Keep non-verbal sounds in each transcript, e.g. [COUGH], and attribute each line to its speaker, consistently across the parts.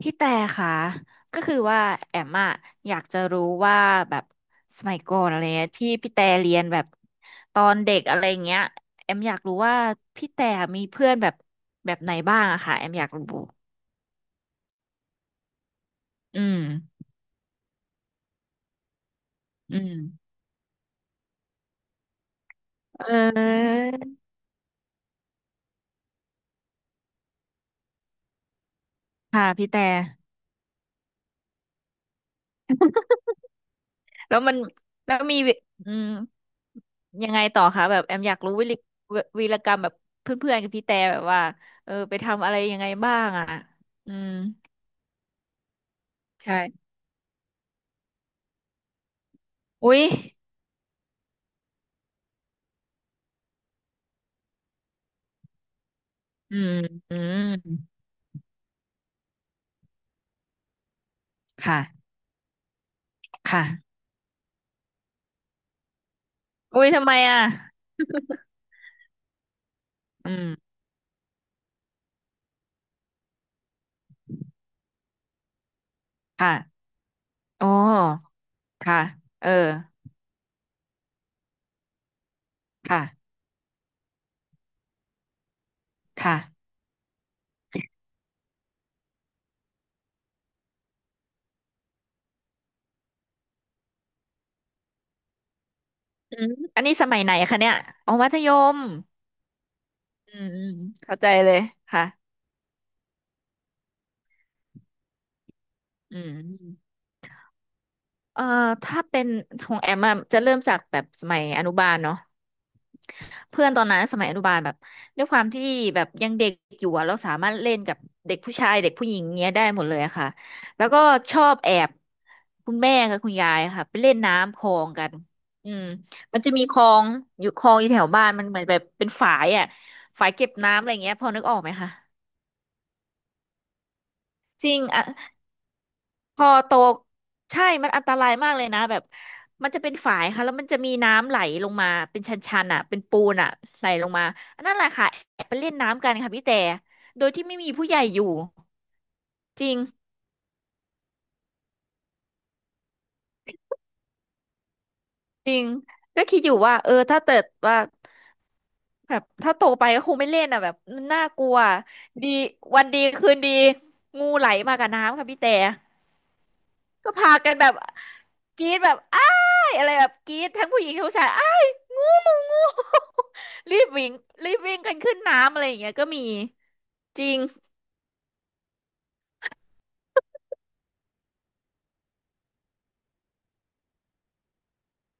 Speaker 1: พี่แต่ค่ะก็คือว่าแอมอะอยากจะรู้ว่าแบบสมัยก่อนอะไรเงี้ยที่พี่แต่เรียนแบบตอนเด็กอะไรเงี้ยแอมอยากรู้ว่าพี่แต่มีเพื่อนแบบแบบไหนบ้างอะค่ะแอมอยากรู้อืมอืมเออค่ะพี่แต่แล้วมันแล้วมีอืมยังไงต่อคะแบบแอมอยากรู้วิลิววีรกรรมแบบเพื่อนๆกับพี่แต่แบบว่าเออไปทำอะไรยังไงบ้างอะอืมใช่อุ๊ย อืม อืม ค่ะ ค่ะ อุ้ยทำไมอ่ะ อืม ค่ะอ๋อค่ะ เออ ค่ะ ค่ะอืมอันนี้สมัยไหนคะเนี่ยอ๋อมัธยมอืมอืมเข้าใจเลยค่ะอืมเอ่อถ้าเป็นของแอมอะจะเริ่มจากแบบสมัยอนุบาลเนาะ เพื่อนตอนนั้นสมัยอนุบาลแบบด้วยความที่แบบยังเด็กอยู่อะเราสามารถเล่นกับเด็กผู้ชายเด็กผู้หญิงเงี้ยได้หมดเลยอะค่ะแล้วก็ชอบแอบคุณแม่กับคุณยายค่ะไปเล่นน้ำคลองกันอืมมันจะมีคลองอยู่แถวบ้านมันเหมือนแบบเป็นฝายอ่ะฝายเก็บน้ำอะไรเงี้ยพอนึกออกไหมคะจริงอะ พอโตใช่มันอันตรายมากเลยนะแบบมันจะเป็นฝายค่ะแล้วมันจะมีน้ำไหลลงมาเป็นชันๆอ่ะเป็นปูนอ่ะไหลลงมาอันนั้นแหละค่ะแอบไปเล่นน้ำกันค่ะพี่แต่โดยที่ไม่มีผู้ใหญ่อยู่จริงจริงก็คิดอยู่ว่าเออถ้าเกิดว่าแบบถ้าโตไปก็คงไม่เล่นอ่ะแบบมันน่ากลัวดีวันดีคืนดีงูไหลมากับน้ำค่ะพี่แต่ ก็พากันแบบกรี๊ดแบบอ้ายอะไรแบบกรี๊ดทั้งผู้หญิงทั้งผู้ชายอ้ายงูงู [LAUGHS] รีบวิ่งกันขึ้นน้ำอะไรอย่างเงี้ยก็มีจริง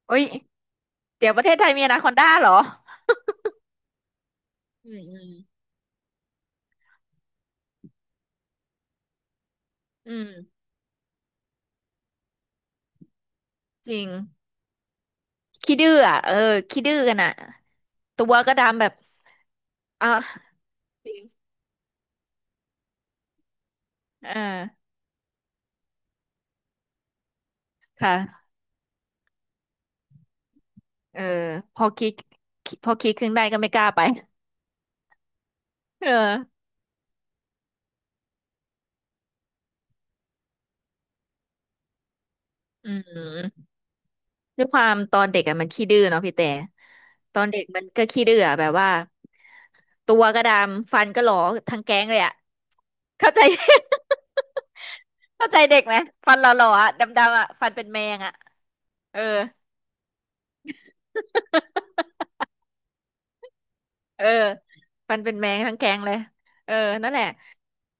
Speaker 1: โอ้ยเดี๋ยวประเทศไทยมีอนาคอนด้าเหรออืมอืมอืมจริงขี้ดื้ออ่ะเออขี้ดื้อกันอ่ะตัวก็ดำแบบอ่ะจริงเออค่ะเออพอคิดพอคิดขึ้นได้ก็ไม่กล้าไปเอออืม ด้วยความตอนเด็กอะมันขี้ดื้อเนาะพี่แต่ตอนเด็กมันก็ขี้ดื้ออะแบบว่าตัวก็ดำฟันก็หลอทั้งแก๊งเลยอะเข้าใจ [LAUGHS] เข้าใจเด็กไหมฟันหล่อๆอะดำๆอะฟันเป็นแมงอะเออ เออมันเป็นแมงทั้งแก๊งเลยเออนั่นแหละ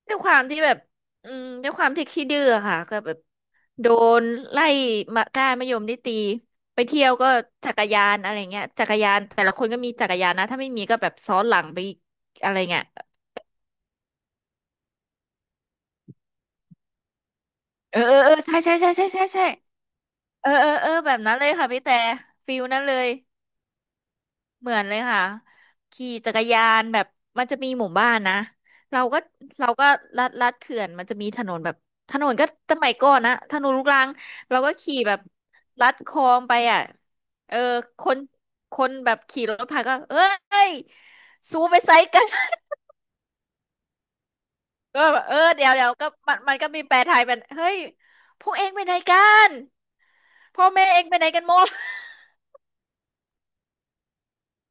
Speaker 1: ด้วยความที่แบบอืมด้วยความที่ขี้ดื้อค่ะก็แบบโดนไล่มาก้านมะยมนี่ตีไปเที่ยวก็จักรยานอะไรเงี้ยจักรยานแต่ละคนก็มีจักรยานนะถ้าไม่มีก็แบบซ้อนหลังไปอะไรเงี้ยเออเออเออใช่ใช่ใช่ใช่ใช่ใช่เออเออเออแบบนั้นเลยค่ะพี่แต่ฟิลนั้นเลย เหมือนเลยค่ะขี่จักรยานแบบมันจะมีหมู่บ้านนะเราก็เราก็ลัดเขื่อนมันจะมีถนนแบบถนนก็สมัยก่อนนะถนนลูกรังเราก็ขี่แบบลัดคลองไปอ่ะเออคนแบบขี่รถผ่านก็เอ้ยซูไปไซส์กัน [LAUGHS] ก็แบบเออเดี๋ยวก็มันก็มีแปลไทยเป็นเฮ้ยพวกเองไปไหนกันพ่อแม่เองไปไหนกันหมด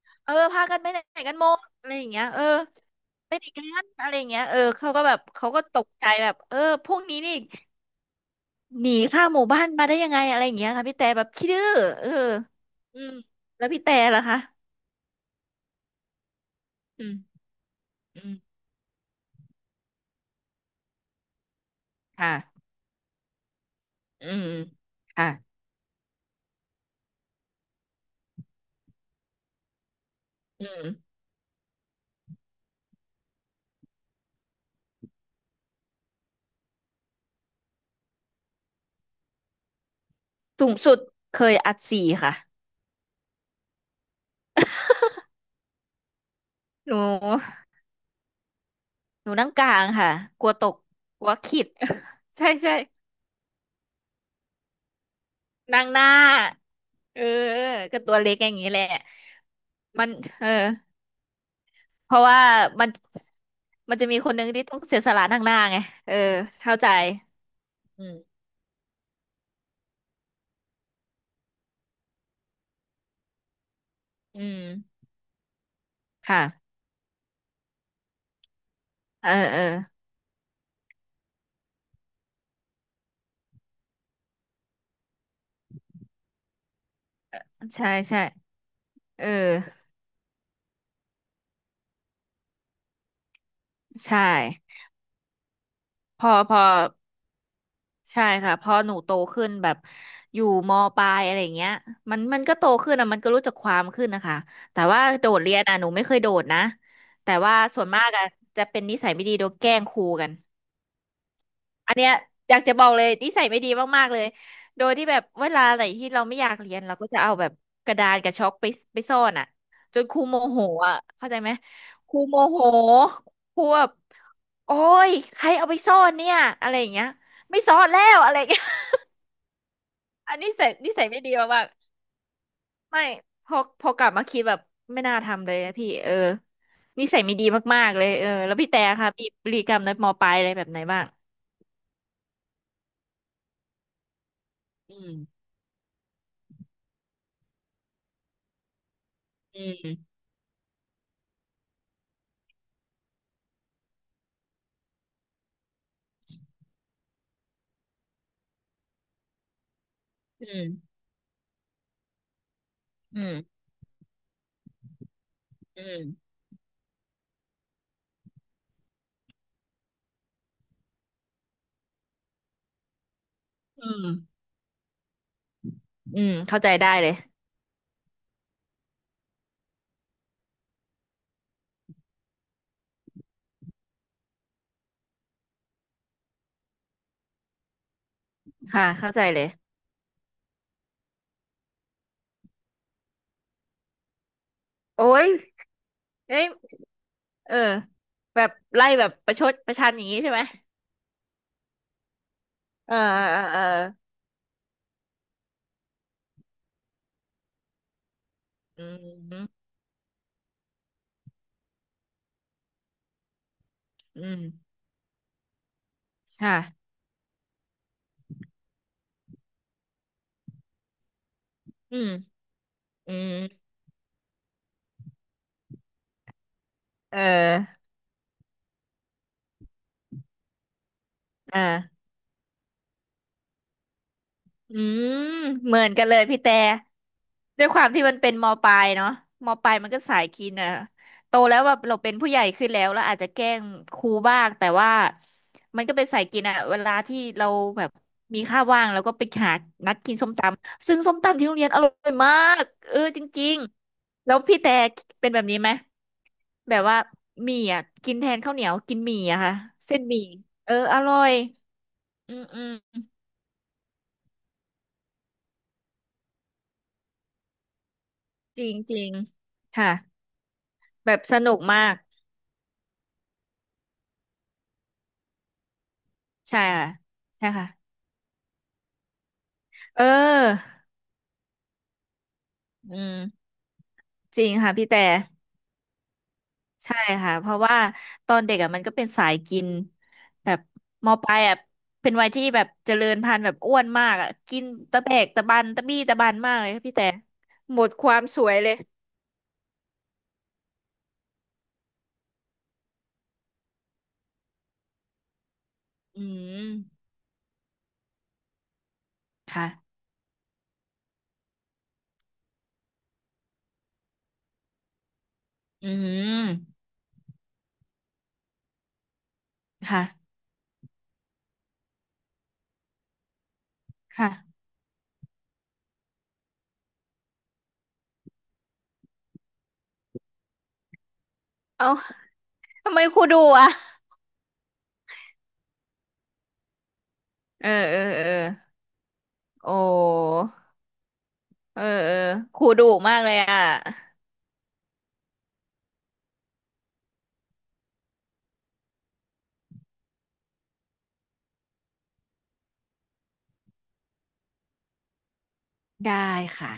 Speaker 1: [LAUGHS] เออพากันไปไหนกันหมดอะไรอย่างเงี้ยเออ เป็นอีกแล้วอะไรเงี้ยเออเขาก็แบบเขาก็ตกใจแบบเออพวกนี้นี่หนีข้ามหมู่บ้านมาได้ยังไงอะไรอย่างเงี้ยค่ะพี่แต่แบบขี้ดื้อเอออืมแล้วพี่แต่ล่ะคะอืมอืมค่ะอืมค่ะอืมสูงสุดเคยอัดสี่ค่ะหนูนั่งกลางค่ะกลัวตกกลัวขิด [LAUGHS] ใช่ใช่นั่งหน้าเออก็ตัวเล็กอย่างนี้แหละมันเออ เพราะว่ามันมันจะมีคนหนึ่งที่ต้องเสียสละนั่งหน้าไงเออเข้าใจอืมอืมค่ะเออเออใช่ใช่เออใช่พอพอใช่ค่ะพอหนูโตขึ้นแบบอยู่มปลายอะไรอย่างเงี้ยมันก็โตขึ้นอะมันก็รู้จักความขึ้นนะคะแต่ว่าโดดเรียนอะหนูไม่เคยโดดนะแต่ว่าส่วนมากอะจะเป็นนิสัยไม่ดีโดนแกล้งครูกัน อันเนี้ยอยากจะบอกเลยนิสัยไม่ดีมากๆเลยโดยที่แบบเวลาไหนที่เราไม่อยากเรียนเราก็จะเอาแบบกระดานกับช็อกไปซ่อนอ่ะจนครูโมโหอ่ะเข้าใจไหมครูโมโหครูแบบโอ้ยใครเอาไปซ่อนเนี่ยอะไรอย่างเงี้ยไม่ซ่อนแล้วอะไรอย่างเงี้ย [LAUGHS] อันนี้ใส่นิสัยไม่ดีมากๆไม่พอกลับมาคิดแบบไม่น่าทำเลยนะพี่เออนิสัยไม่ดีมากๆเลยเออแล้วพี่แต่ค่ะมีพฤติกรรมในมปลายอะไรแบบไหนบ้างอืมอืมอืมอืม อืมอืมอืม เข้าใจได้เลยค่ะเข้าใจเลยโอ้ยเอ้ยเออแบบไล่แบบประชดประชันอย่างนี้ใช่ไหมเออเออเออเอออืม อืมค่ะอืม อืม เอออ่า อืมเหมือนกันเลยพี่แต่ด้วยความที่มันเป็นมปลายเนาะมปลายมันก็สายกินอ่ะโตแล้วแบบเราเป็นผู้ใหญ่ขึ้นแล้วแล้วอาจจะแกล้งครูบ้างแต่ว่ามันก็เป็นสายกินอ่ะเวลาที่เราแบบมีข้าวว่างเราก็ไปหานัดกินส้มตำซึ่งส้มตำที่โรงเรียนอร่อยมากเออจริงๆแล้วพี่แต่เป็นแบบนี้ไหมแบบว่าหมี่อ่ะกินแทนข้าวเหนียวกินหมี่อะค่ะเส้นหมี่เอออร่อยอืมอืมจริงจริงค่ะ แบบสนุกมากใช่ค่ะใช่ค่ะเอออืมจริงค่ะพี่แต่ใช่ค่ะเพราะว่าตอนเด็กอ่ะมันก็เป็นสายกินแบบมปลายอ่ะเป็นวัยที่แบบเจริญพันธุ์แบบอ้วนมากอ่ะกินตะแบกตะบันตะบี้ตะบันมากเลยค่ะพี่แต่หมดความสวยเลยอืมค่ะอืมค่ะค่ะเอ้าทำไมครูดุอ่ะเออเออเออโอ้เออเออครูดุมากเลยอ่ะได้ค่ะ